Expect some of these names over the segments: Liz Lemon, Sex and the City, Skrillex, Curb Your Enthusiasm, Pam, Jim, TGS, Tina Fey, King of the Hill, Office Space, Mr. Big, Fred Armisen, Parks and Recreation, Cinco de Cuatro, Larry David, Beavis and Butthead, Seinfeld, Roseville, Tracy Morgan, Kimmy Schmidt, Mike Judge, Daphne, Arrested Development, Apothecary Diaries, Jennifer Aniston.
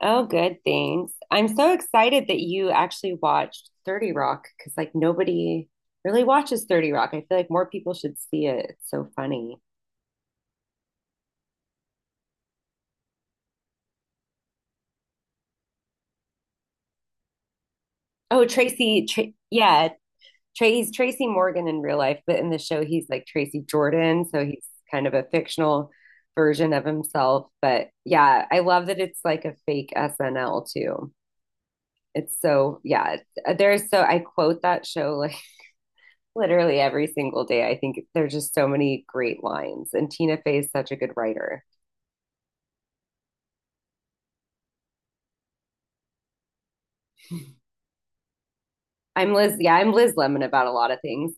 Oh, good. Thanks. I'm so excited that you actually watched 30 Rock because, like, nobody really watches 30 Rock. I feel like more people should see it. It's so funny. Oh, Tracy, Tra yeah, Tra he's Tracy Morgan in real life, but in the show, he's like Tracy Jordan. So he's kind of a fictional version of himself. But yeah, I love that it's like a fake SNL too. It's so, yeah, it's- there's so, I quote that show, like, literally every single day. I think there's just so many great lines, and Tina Fey is such a good writer. I'm Liz. Yeah, I'm Liz Lemon about a lot of things.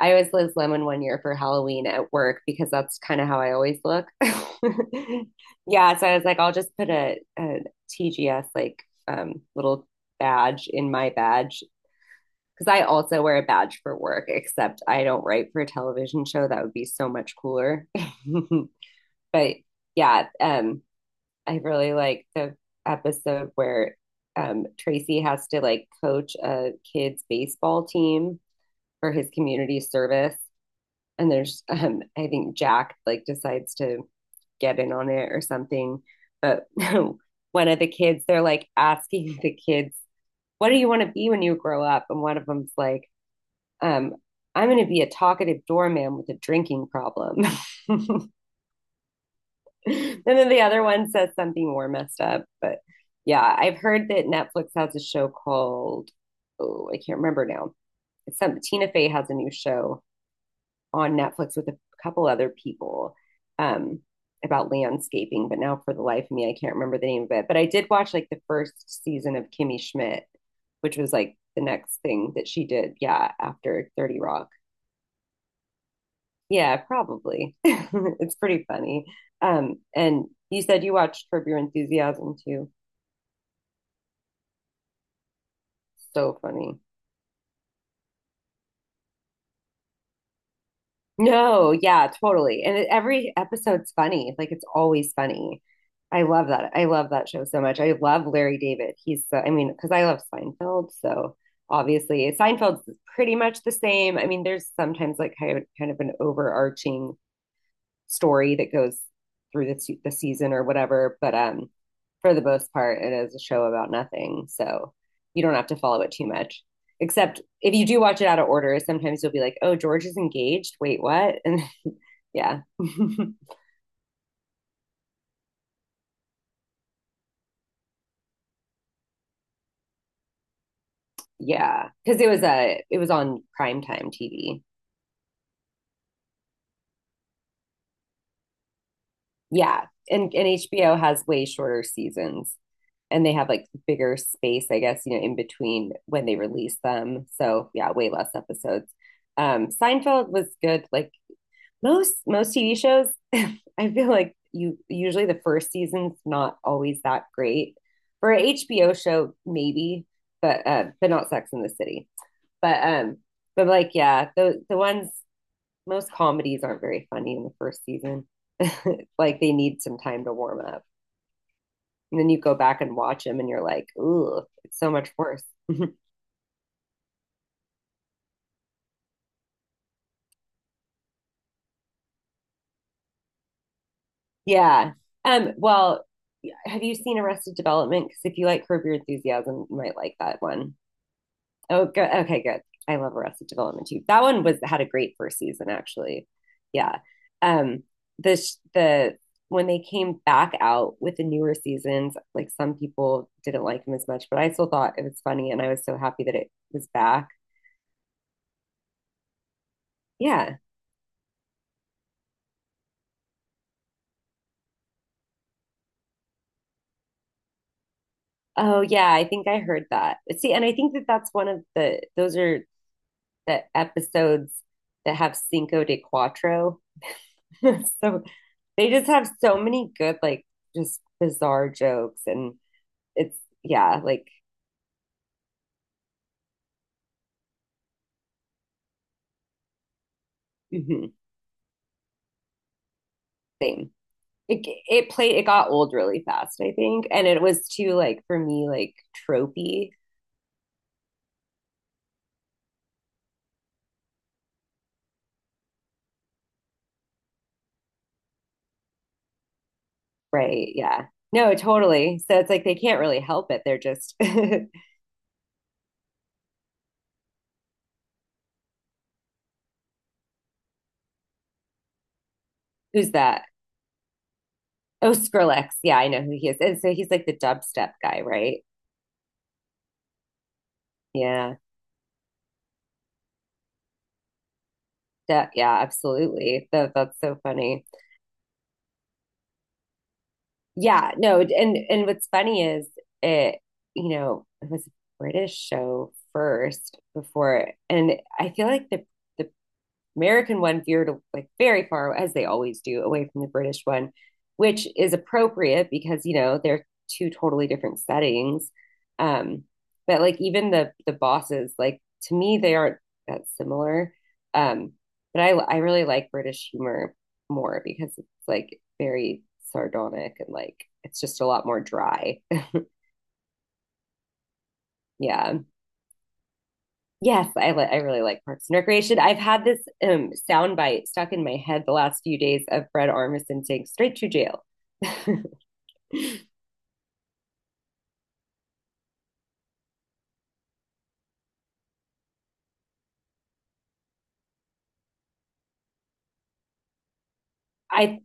I was Liz Lemon one year for Halloween at work because that's kind of how I always look. yeah, so I was like, I'll just put a, TGS, little badge in my badge, because I also wear a badge for work, except I don't write for a television show. That would be so much cooler. but yeah, um, I really like the episode where Tracy has to, like, coach a kid's baseball team for his community service. And there's, I think Jack, like, decides to get in on it or something. But one of the kids, they're like asking the kids, what do you want to be when you grow up? And one of them's like, um, I'm going to be a talkative doorman with a drinking problem. and then the other one says something more messed up. But yeah, I've heard that Netflix has a show called, oh, I can't remember now. It's some Tina Fey has a new show on Netflix with a couple other people, um, about landscaping. But now, for the life of me, I can't remember the name of it. But I did watch like the first season of Kimmy Schmidt, which was like the next thing that she did. Yeah, after 30 Rock. Yeah, probably. It's pretty funny. And you said you watched Curb Your Enthusiasm too. So funny. No, yeah, totally. And it, every episode's funny. Like, it's always funny. I love that. I love that show so much. I love Larry David. He's so, I mean, because I love Seinfeld, so obviously Seinfeld's pretty much the same. I mean, there's sometimes like kind of an overarching story that goes through the season or whatever. But For the most part, it is a show about nothing. So you don't have to follow it too much. Except if you do watch it out of order, sometimes you'll be like, oh, George is engaged. Wait, what? And yeah. yeah. Cause it was on primetime TV. Yeah. And, HBO has way shorter seasons. And they have like bigger space, I guess, you know, in between when they release them. So yeah, way less episodes. Seinfeld was good. Like most TV shows, I feel like you usually the first season's not always that great. For an HBO show, maybe, but not Sex and the City. But um, but like yeah, the ones, most comedies aren't very funny in the first season. like they need some time to warm up. And then you go back and watch them and you're like, ooh, it's so much worse. yeah. Um, well, yeah, have you seen Arrested Development? Because if you like Curb Your Enthusiasm, you might like that one. Oh, good. Okay, good. I love Arrested Development too. That one was had a great first season, actually. Yeah. Um, the the When they came back out with the newer seasons, like some people didn't like them as much, but I still thought it was funny, and I was so happy that it was back. Yeah. Oh yeah, I think I heard that. See, and I think that that's one of the those are the episodes that have Cinco de Cuatro. So they just have so many good, like, just bizarre jokes, and it's yeah, like, mhm, same. It played, it got old really fast, I think, and it was too, like, for me, like, tropey, right? Yeah. No, totally. So it's like they can't really help it. They're just who's that? Oh, Skrillex. Yeah, I know who he is. And so he's like the dubstep guy, right? Yeah. That, yeah, absolutely. That's so funny. Yeah, no, and what's funny is it, you know, it was a British show first before, and I feel like the American one veered like very far, as they always do, away from the British one, which is appropriate because you know they're two totally different settings. Um, but like even the bosses, like, to me, they aren't that similar. Um, but I really like British humor more because it's like very sardonic, and like it's just a lot more dry. yeah. Yes, I really like Parks and Recreation. I've had this soundbite stuck in my head the last few days of Fred Armisen saying straight to jail. I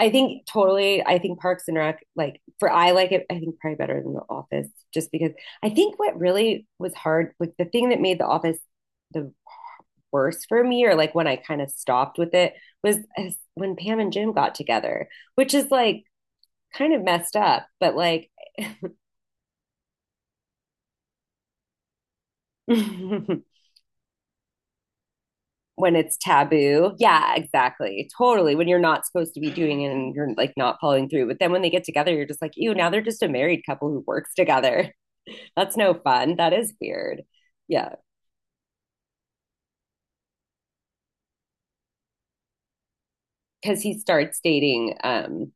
I think totally. I think Parks and Rec, like for I like it, I think probably better than The Office, just because I think what really was hard, like the thing that made The Office the worst for me, or like when I kind of stopped with it, was when Pam and Jim got together, which is like kind of messed up, but like when it's taboo. Yeah, exactly. Totally. When you're not supposed to be doing it and you're like not following through. But then when they get together, you're just like, ew, now they're just a married couple who works together. That's no fun. That is weird. Yeah. Cause he starts dating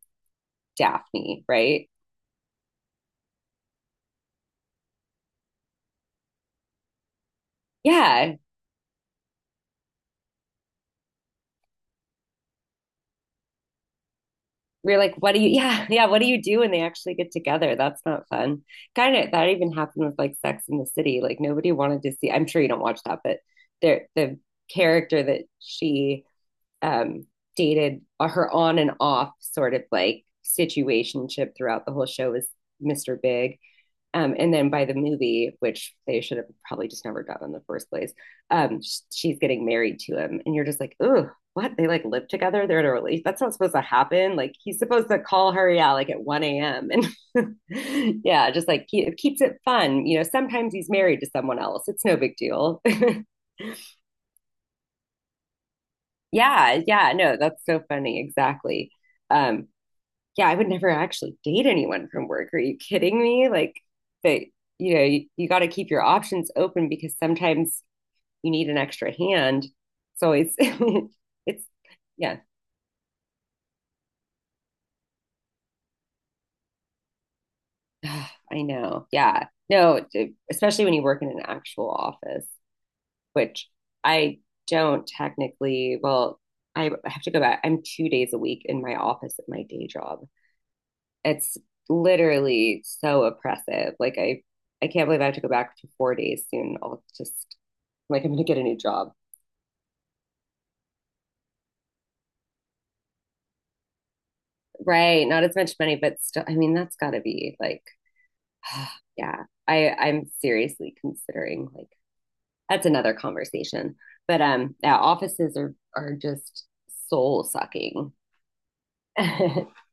Daphne, right? Yeah. We're like, what do you yeah, yeah, what do you do when they actually get together? That's not fun. Kind of that even happened with like Sex and the City. Like nobody wanted to see I'm sure you don't watch that, but there the character that she um dated, her on and off sort of like situationship throughout the whole show was Mr. Big. And then by the movie, which they should have probably just never done in the first place, um, she's getting married to him, and you're just like, "Ooh, what? They like live together? They're in a relationship? That's not supposed to happen. Like, he's supposed to call her, yeah, like at 1 a.m. And yeah, just like it keeps it fun. You know, sometimes he's married to someone else. It's no big deal. yeah, yeah, no, that's so funny. Exactly. Um, yeah, I would never actually date anyone from work. Are you kidding me? Like, but you know, you got to keep your options open because sometimes you need an extra hand. So it's, it's, yeah, I know. Yeah. No, d- especially when you work in an actual office, which I don't technically, well, I have to go back. I'm 2 days a week in my office at my day job. It's literally so oppressive. Like I can't believe I have to go back to 4 days soon. I'll just, like, I'm gonna get a new job. Right. Not as much money, but still, I mean that's gotta be like yeah. I'm seriously considering like that's another conversation. But yeah, offices are just soul sucking.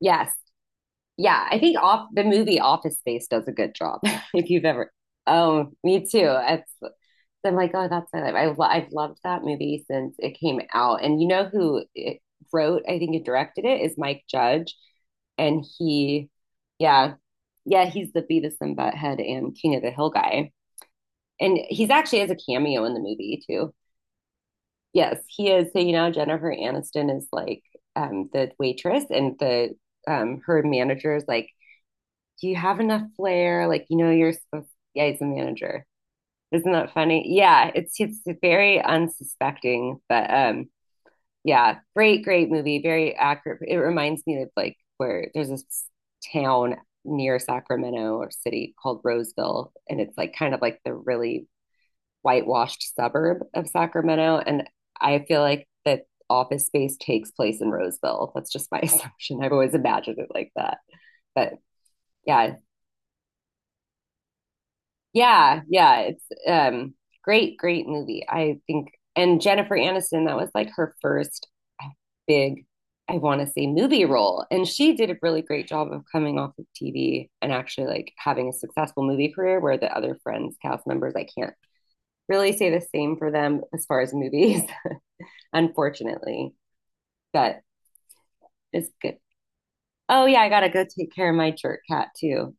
yes, yeah, I think off the movie Office Space does a good job. If you've ever, oh, me too. It's, I'm like, oh, that's my life. I've loved that movie since it came out. And you know who it wrote, I think, and directed it is Mike Judge, and he, yeah, yeah, he's the Beavis and Butthead and King of the Hill guy, and he's actually has a cameo in the movie too. Yes, he is. So you know, Jennifer Aniston is like, the waitress, and the, her manager is like, do you have enough flair? Like, you know, you're supposed to, yeah, he's a manager. Isn't that funny? Yeah, it's very unsuspecting, but yeah, great, great movie, very accurate. It reminds me of like where there's this town near Sacramento or city called Roseville, and it's like kind of like the really whitewashed suburb of Sacramento. And I feel like that office space takes place in Roseville. That's just my assumption. I've always imagined it like that. But yeah. Yeah, yeah, it's great, great movie. I think and Jennifer Aniston, that was like her first, uh, big, I want to say movie role. And she did a really great job of coming off of TV and actually like having a successful movie career where the other friends, cast members, I can't really say the same for them as far as movies, unfortunately. But it's good. Oh yeah, I gotta go take care of my jerk cat too.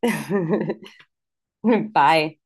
Bye.